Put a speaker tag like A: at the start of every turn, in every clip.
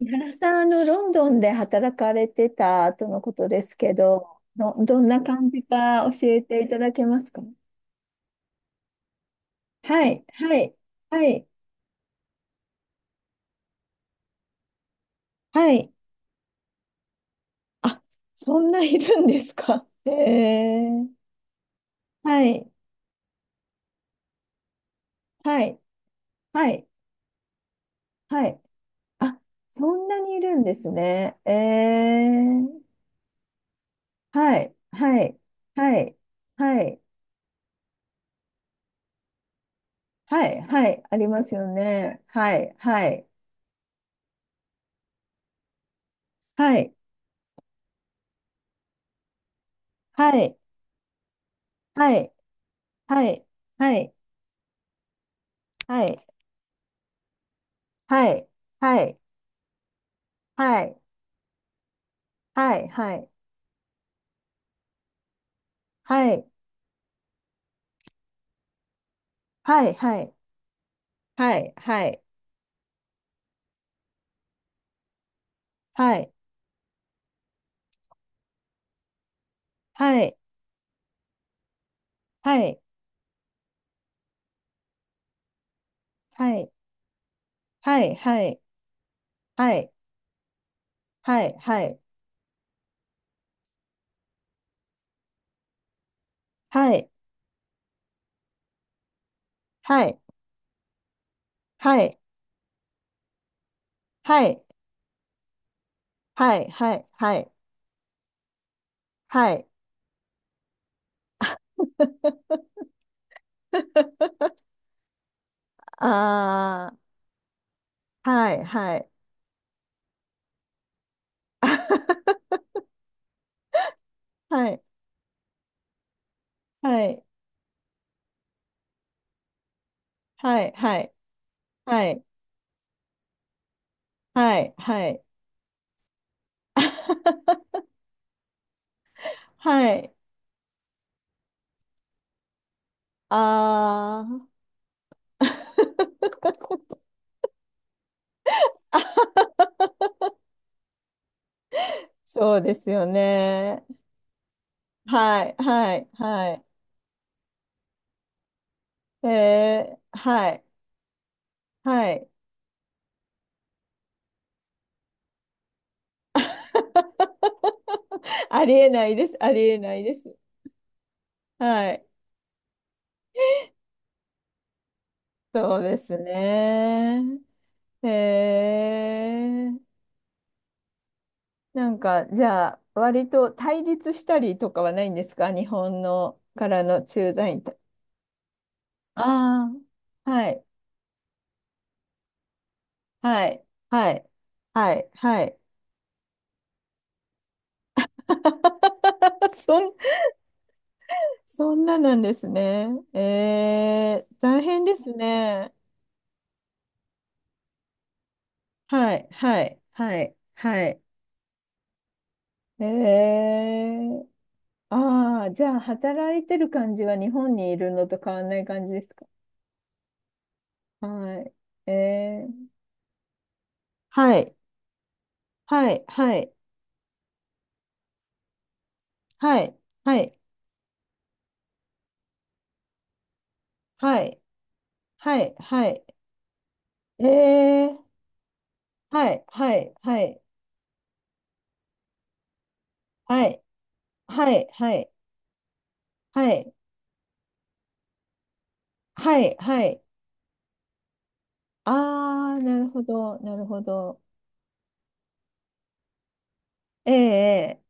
A: 井原さん、ロンドンで働かれてたとのことですけど、どんな感じか教えていただけますか？はい、はい、はい、はい。あ、そんないるんですか？へえ。はい、はい、はい、はい。あ、そんなにいるんですね。ええ、はい、はい、はい、はい、はい、はい、ありますよね。はい、はい、はい、はい、はい、はい、はい。はい、はい、はい、はい、はい、はい、はい、はい、はい、はい、はい、はい、はい、はい、はい、はい、はい、はい、はい、はい、はい、はい、はい、はい、はい、はい、はい、はい、あー、はい、はい、はい、はい、はい、はい、はい、はい、はい、はい、あー、そうですよね。はい、はい、はい。えー、はい、はい。ありえないです。ありえないです。はい。そうですね。へえ。なんか、じゃあ、割と対立したりとかはないんですか？日本のからの駐在員と。ああ。はい。はい。はい。はい。はい。そん、そんななんですね。えー、大変ですね。はい、はい、はい、はい。えー、ああ、じゃあ、働いてる感じは日本にいるのと変わんない感じですか？はい。えー、はい、はい、はい、はい、はい、はい、はい、はい。えー、はい、はい、はい、はい、はい、はい、はい、はい、はい。ああ、なるほど、なるほど。えええ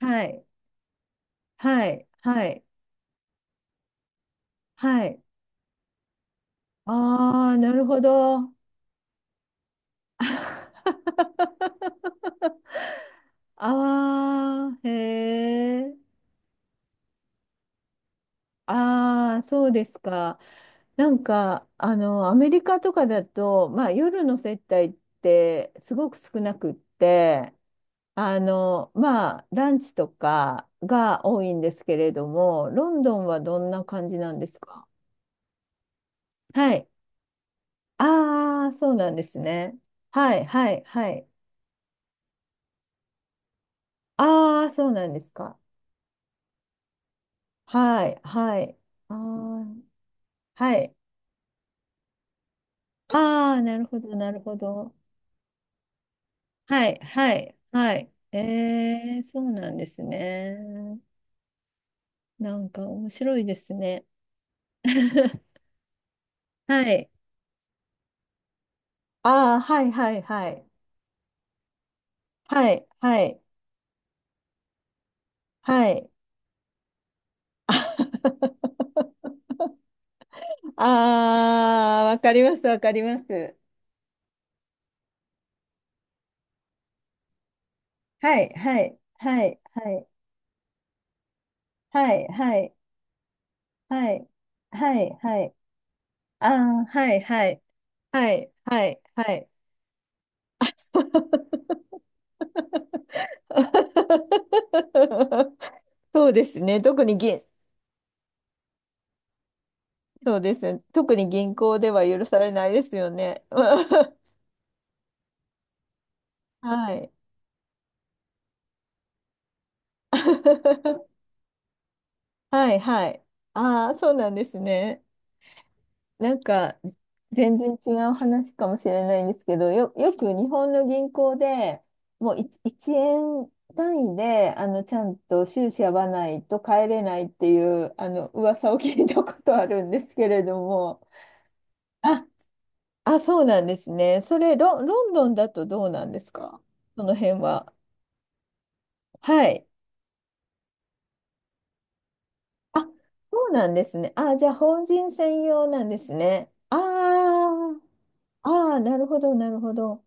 A: えはい、はい、はい、はい。ああ、なるほど。ああ、へえ。ああ、そうですか。なんか、アメリカとかだと、まあ、夜の接待ってすごく少なくって、まあ、ランチとかが多いんですけれども、ロンドンはどんな感じなんですか？はい。ああ、そうなんですね。はい、はい、はい。ああ、そうなんですか。はい、はい。ああ、はい。ああ、なるほど、なるほど。はい、はい、はい。えー、そうなんですね。なんか面白いですね。はい。ああ、はい、はい、はい。はい、はい、はい。ああ、わかります、わかります。はい、はい、はい、はい。はい、はい、はい、はい、はい。ああ、はい、はい、はい、はい、はい。そうですね。特に銀、そうですね。特に銀行では許されないですよね。はい。はい、はい。ああ、そうなんですね。なんか、全然違う話かもしれないんですけど、よく日本の銀行でもう1、一円単位で、ちゃんと収支合わないと帰れないっていう、噂を聞いたことあるんですけれども。あ、あ、そうなんですね。それ、ロンドンだとどうなんですか？その辺は。はい。あ、そうなんですね。あ、じゃあ、法人専用なんですね。ああ、ああ、なるほど、なるほど。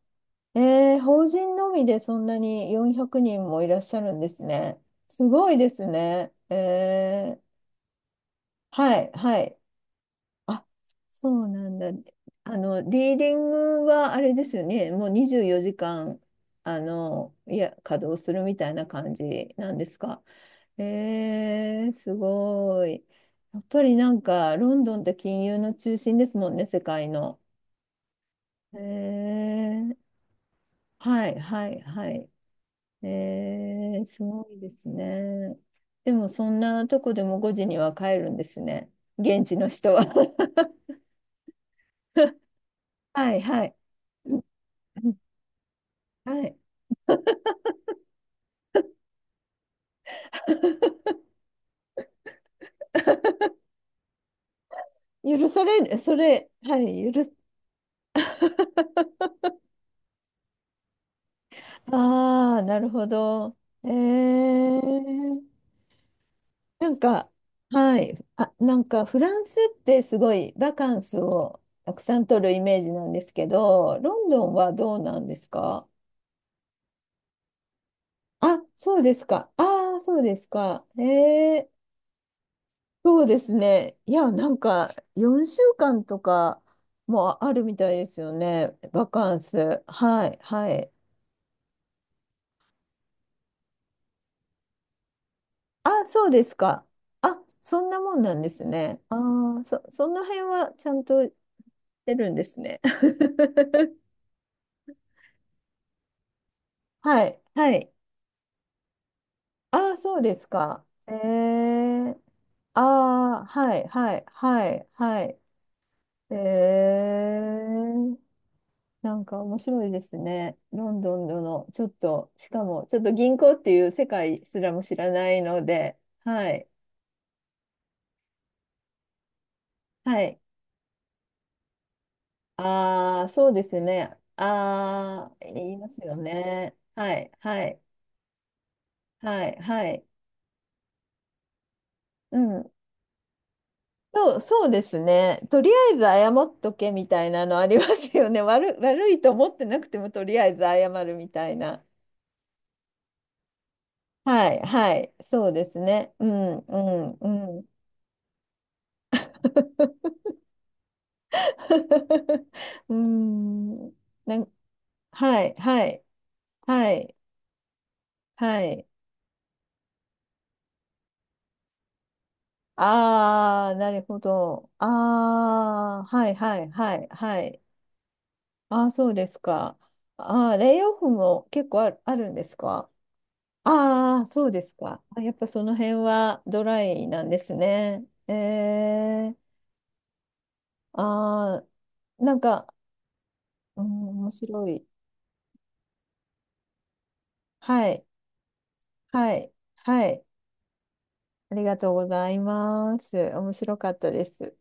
A: えー、法人のみでそんなに400人もいらっしゃるんですね。すごいですね。えー、はい、はい。あ、そうなんだ。ディーリングはあれですよね。もう24時間、いや、稼働するみたいな感じなんですか。えー、すごい。やっぱりなんか、ロンドンって金融の中心ですもんね、世界の。えー、はい、はい、はい。えー、すごいですね。でもそんなとこでも5時には帰るんですね。現地の人は。はいはい。うんうんはい。許される、それ、はい、許す。ああ、なるほど。えー、なんか、はい、あ、なんかフランスってすごいバカンスをたくさん取るイメージなんですけど、ロンドンはどうなんですか？あ、そうですか。ああ、そうですか。えーそうですね。いや、なんか4週間とかもあるみたいですよね。バカンス。はい、はい。あ、そうですか。あ、そんなもんなんですね。ああ、その辺はちゃんとしてるんですね。はい、はい。ああ、そうですか。えー、ああ、はい、はい、はい、はい。えー。なんか面白いですね。ロンドンのちょっと、しかもちょっと銀行っていう世界すらも知らないので、はい。はい。ああ、そうですね。ああ、言いますよね。はい、はい、はい、はい。うん。そう、そうですね。とりあえず謝っとけみたいなのありますよね。悪い、悪いと思ってなくてもとりあえず謝るみたいな。はい、はい。そうですね。うん、うん、うん。うーん。なん、はい、はい、はい、はい。ああ、なるほど。ああ、はい、はい、はい、はい。ああ、そうですか。ああ、レイオフも結構あるんですか？ああ、そうですか。あやっぱその辺はドライなんですね。ええ、ああ、なんか、うん、面白い。はい、はい、はい。ありがとうございます。面白かったです。